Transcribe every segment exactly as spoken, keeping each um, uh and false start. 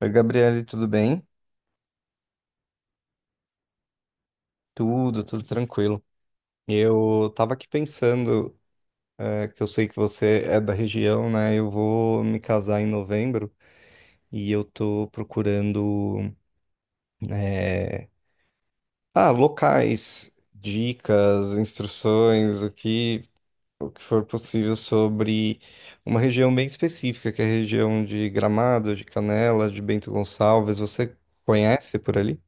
Oi, Gabriele, tudo bem? Tudo, tudo tranquilo. Eu tava aqui pensando, eh, que eu sei que você é da região, né? Eu vou me casar em novembro e eu tô procurando, eh, ah, locais, dicas, instruções, o que, o que for possível sobre uma região bem específica, que é a região de Gramado, de Canela, de Bento Gonçalves. Você conhece por ali?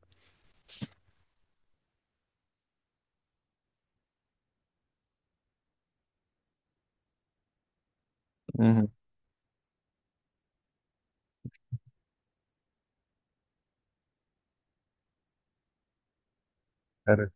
Uhum. Cara.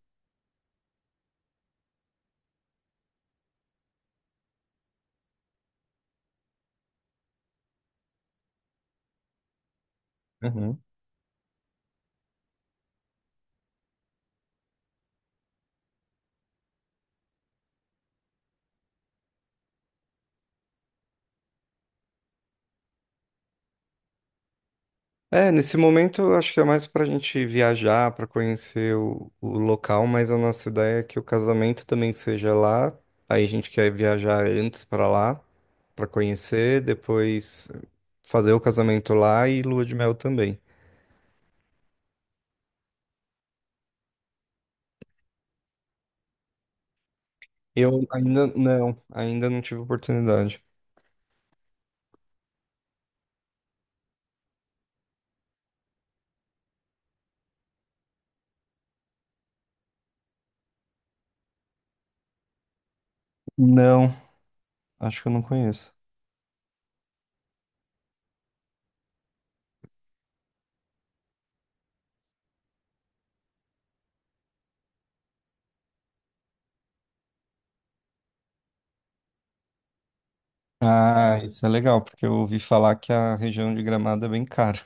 É, nesse momento eu acho que é mais pra gente viajar, pra conhecer o, o local, mas a nossa ideia é que o casamento também seja lá. Aí a gente quer viajar antes pra lá, pra conhecer, depois fazer o casamento lá e lua de mel também. Eu ainda não, ainda não tive oportunidade. Não, acho que eu não conheço. Ah, isso é legal, porque eu ouvi falar que a região de Gramado é bem cara.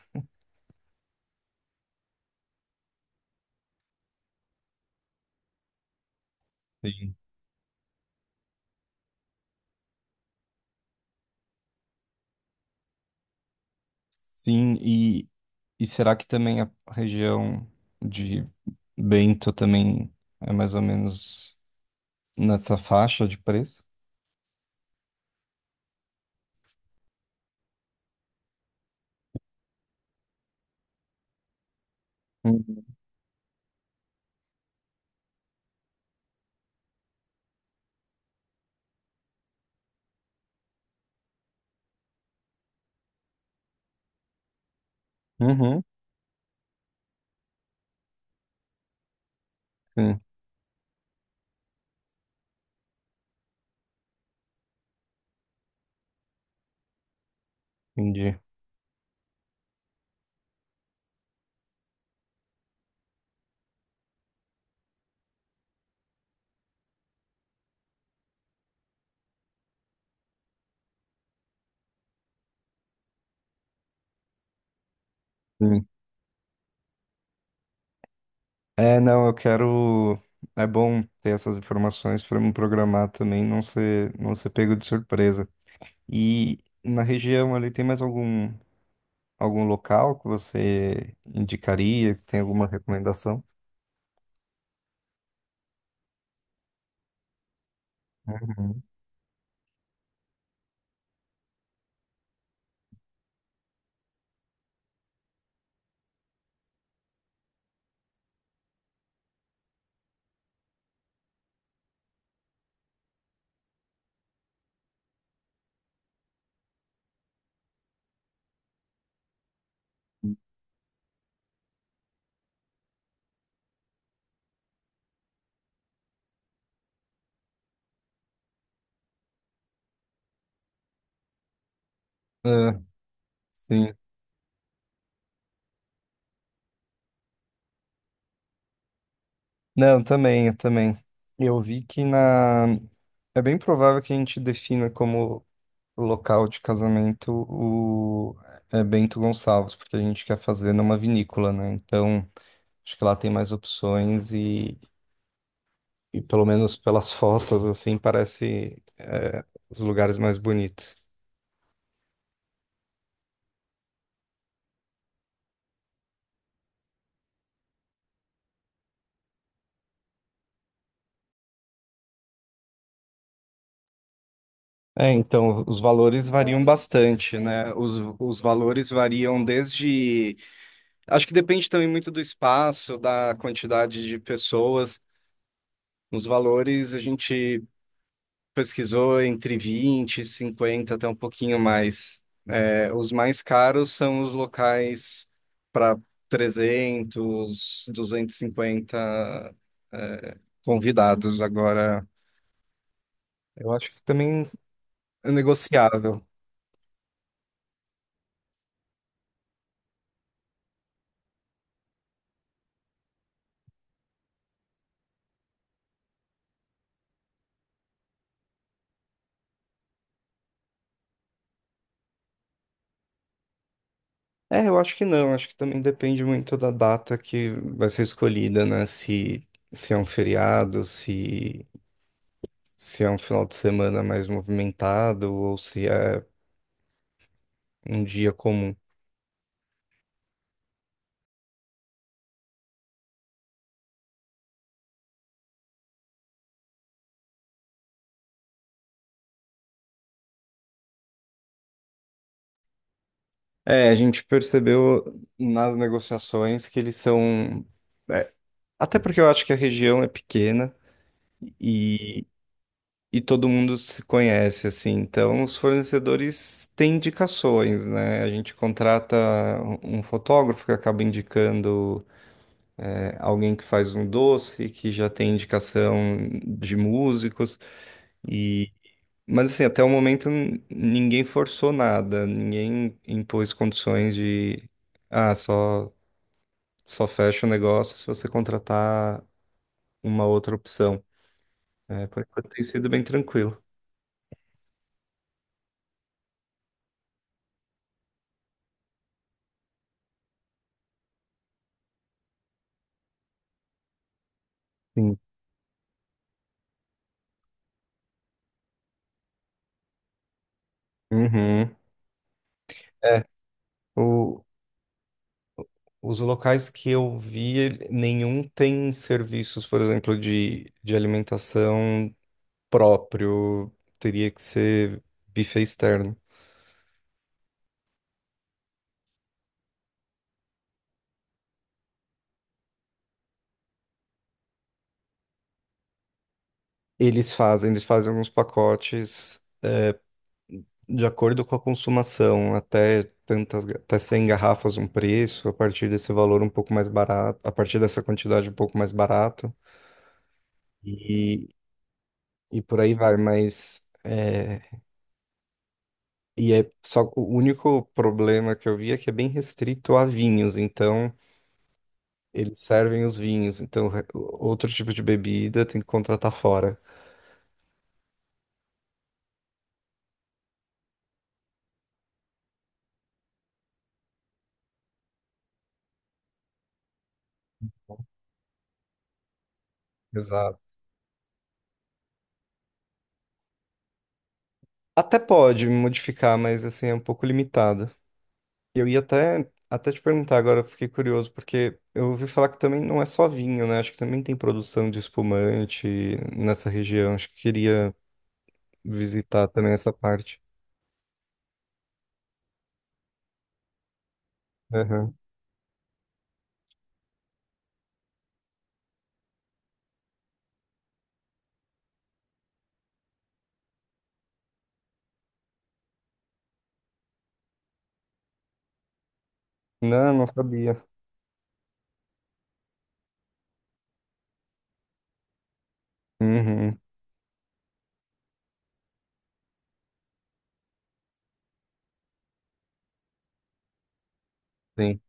Sim, e, e será que também a região de Bento também é mais ou menos nessa faixa de preço? Uhum. Uhum. Sim, entendi. Sim. É, não, eu quero. É bom ter essas informações para me programar também, não ser, não ser pego de surpresa. E na região ali tem mais algum, algum local que você indicaria, que tem alguma recomendação? Uhum. É, sim. Não, também, eu também. Eu vi que na. É bem provável que a gente defina como local de casamento o é Bento Gonçalves, porque a gente quer fazer numa vinícola, né? Então, acho que lá tem mais opções e, e pelo menos pelas fotos, assim, parece é, os lugares mais bonitos. É, então, os valores variam bastante, né? Os, os valores variam desde. Acho que depende também muito do espaço, da quantidade de pessoas. Os valores a gente pesquisou entre vinte cinquenta até um pouquinho mais. É, os mais caros são os locais para trezentos, duzentos e cinquenta é, convidados. Agora, eu acho que também é negociável. É, eu acho que não. Acho que também depende muito da data que vai ser escolhida, né? Se, se é um feriado, se, se é um final de semana mais movimentado ou se é um dia comum. É, a gente percebeu nas negociações que eles são. É, até porque eu acho que a região é pequena e, e todo mundo se conhece, assim. Então, os fornecedores têm indicações, né? A gente contrata um um fotógrafo que acaba indicando, é, alguém que faz um doce, que já tem indicação de músicos. E, mas, assim, até o momento n- ninguém forçou nada, ninguém impôs condições de. Ah, só. Só fecha o negócio se você contratar uma outra opção. É, por enquanto tem sido bem tranquilo. Sim. Uhum. É, o- os locais que eu vi, ele- nenhum tem serviços, por exemplo, de, de alimentação próprio. Teria que ser buffet externo. Eles fazem, eles fazem alguns pacotes de acordo com a consumação, até tantas, ga- até cem garrafas um preço, a partir desse valor um pouco mais barato, a partir dessa quantidade um pouco mais barato. E, e por aí vai, mas é, e é só o único problema que eu vi é que é bem restrito a vinhos, então eles servem os vinhos, então re- outro tipo de bebida tem que contratar fora. Exato. Até pode modificar, mas assim é um pouco limitado. Eu ia até até te perguntar agora, eu fiquei curioso porque eu ouvi falar que também não é só vinho, né? Acho que também tem produção de espumante nessa região. Acho que queria visitar também essa parte. Aham. Não, não sabia. Uhum, sim.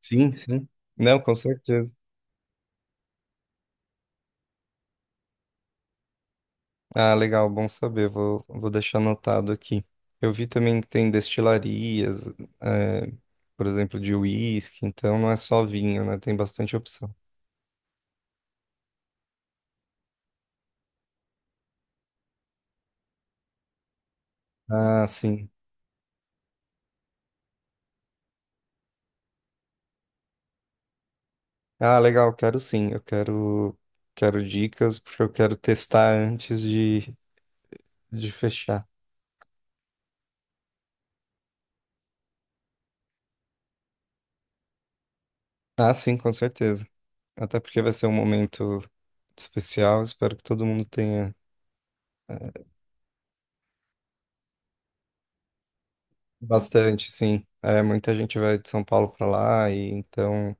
Sim, sim. Não, com certeza. Ah, legal, bom saber. Vou, vou deixar anotado aqui. Eu vi também que tem destilarias, é, por exemplo, de uísque, então não é só vinho, né? Tem bastante opção. Ah, sim. Ah, legal, quero sim. Eu quero, quero dicas, porque eu quero testar antes de, de fechar. Ah, sim, com certeza. Até porque vai ser um momento especial. Espero que todo mundo tenha. Bastante, sim. É, muita gente vai de São Paulo para lá e então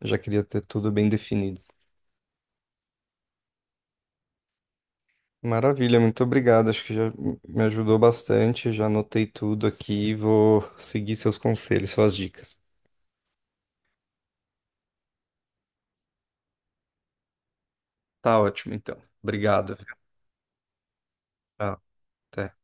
eu já queria ter tudo bem definido. Maravilha, muito obrigado. Acho que já me ajudou bastante. Já anotei tudo aqui. Vou seguir seus conselhos, suas dicas. Tá ótimo, então. Obrigado. Tchau. Até.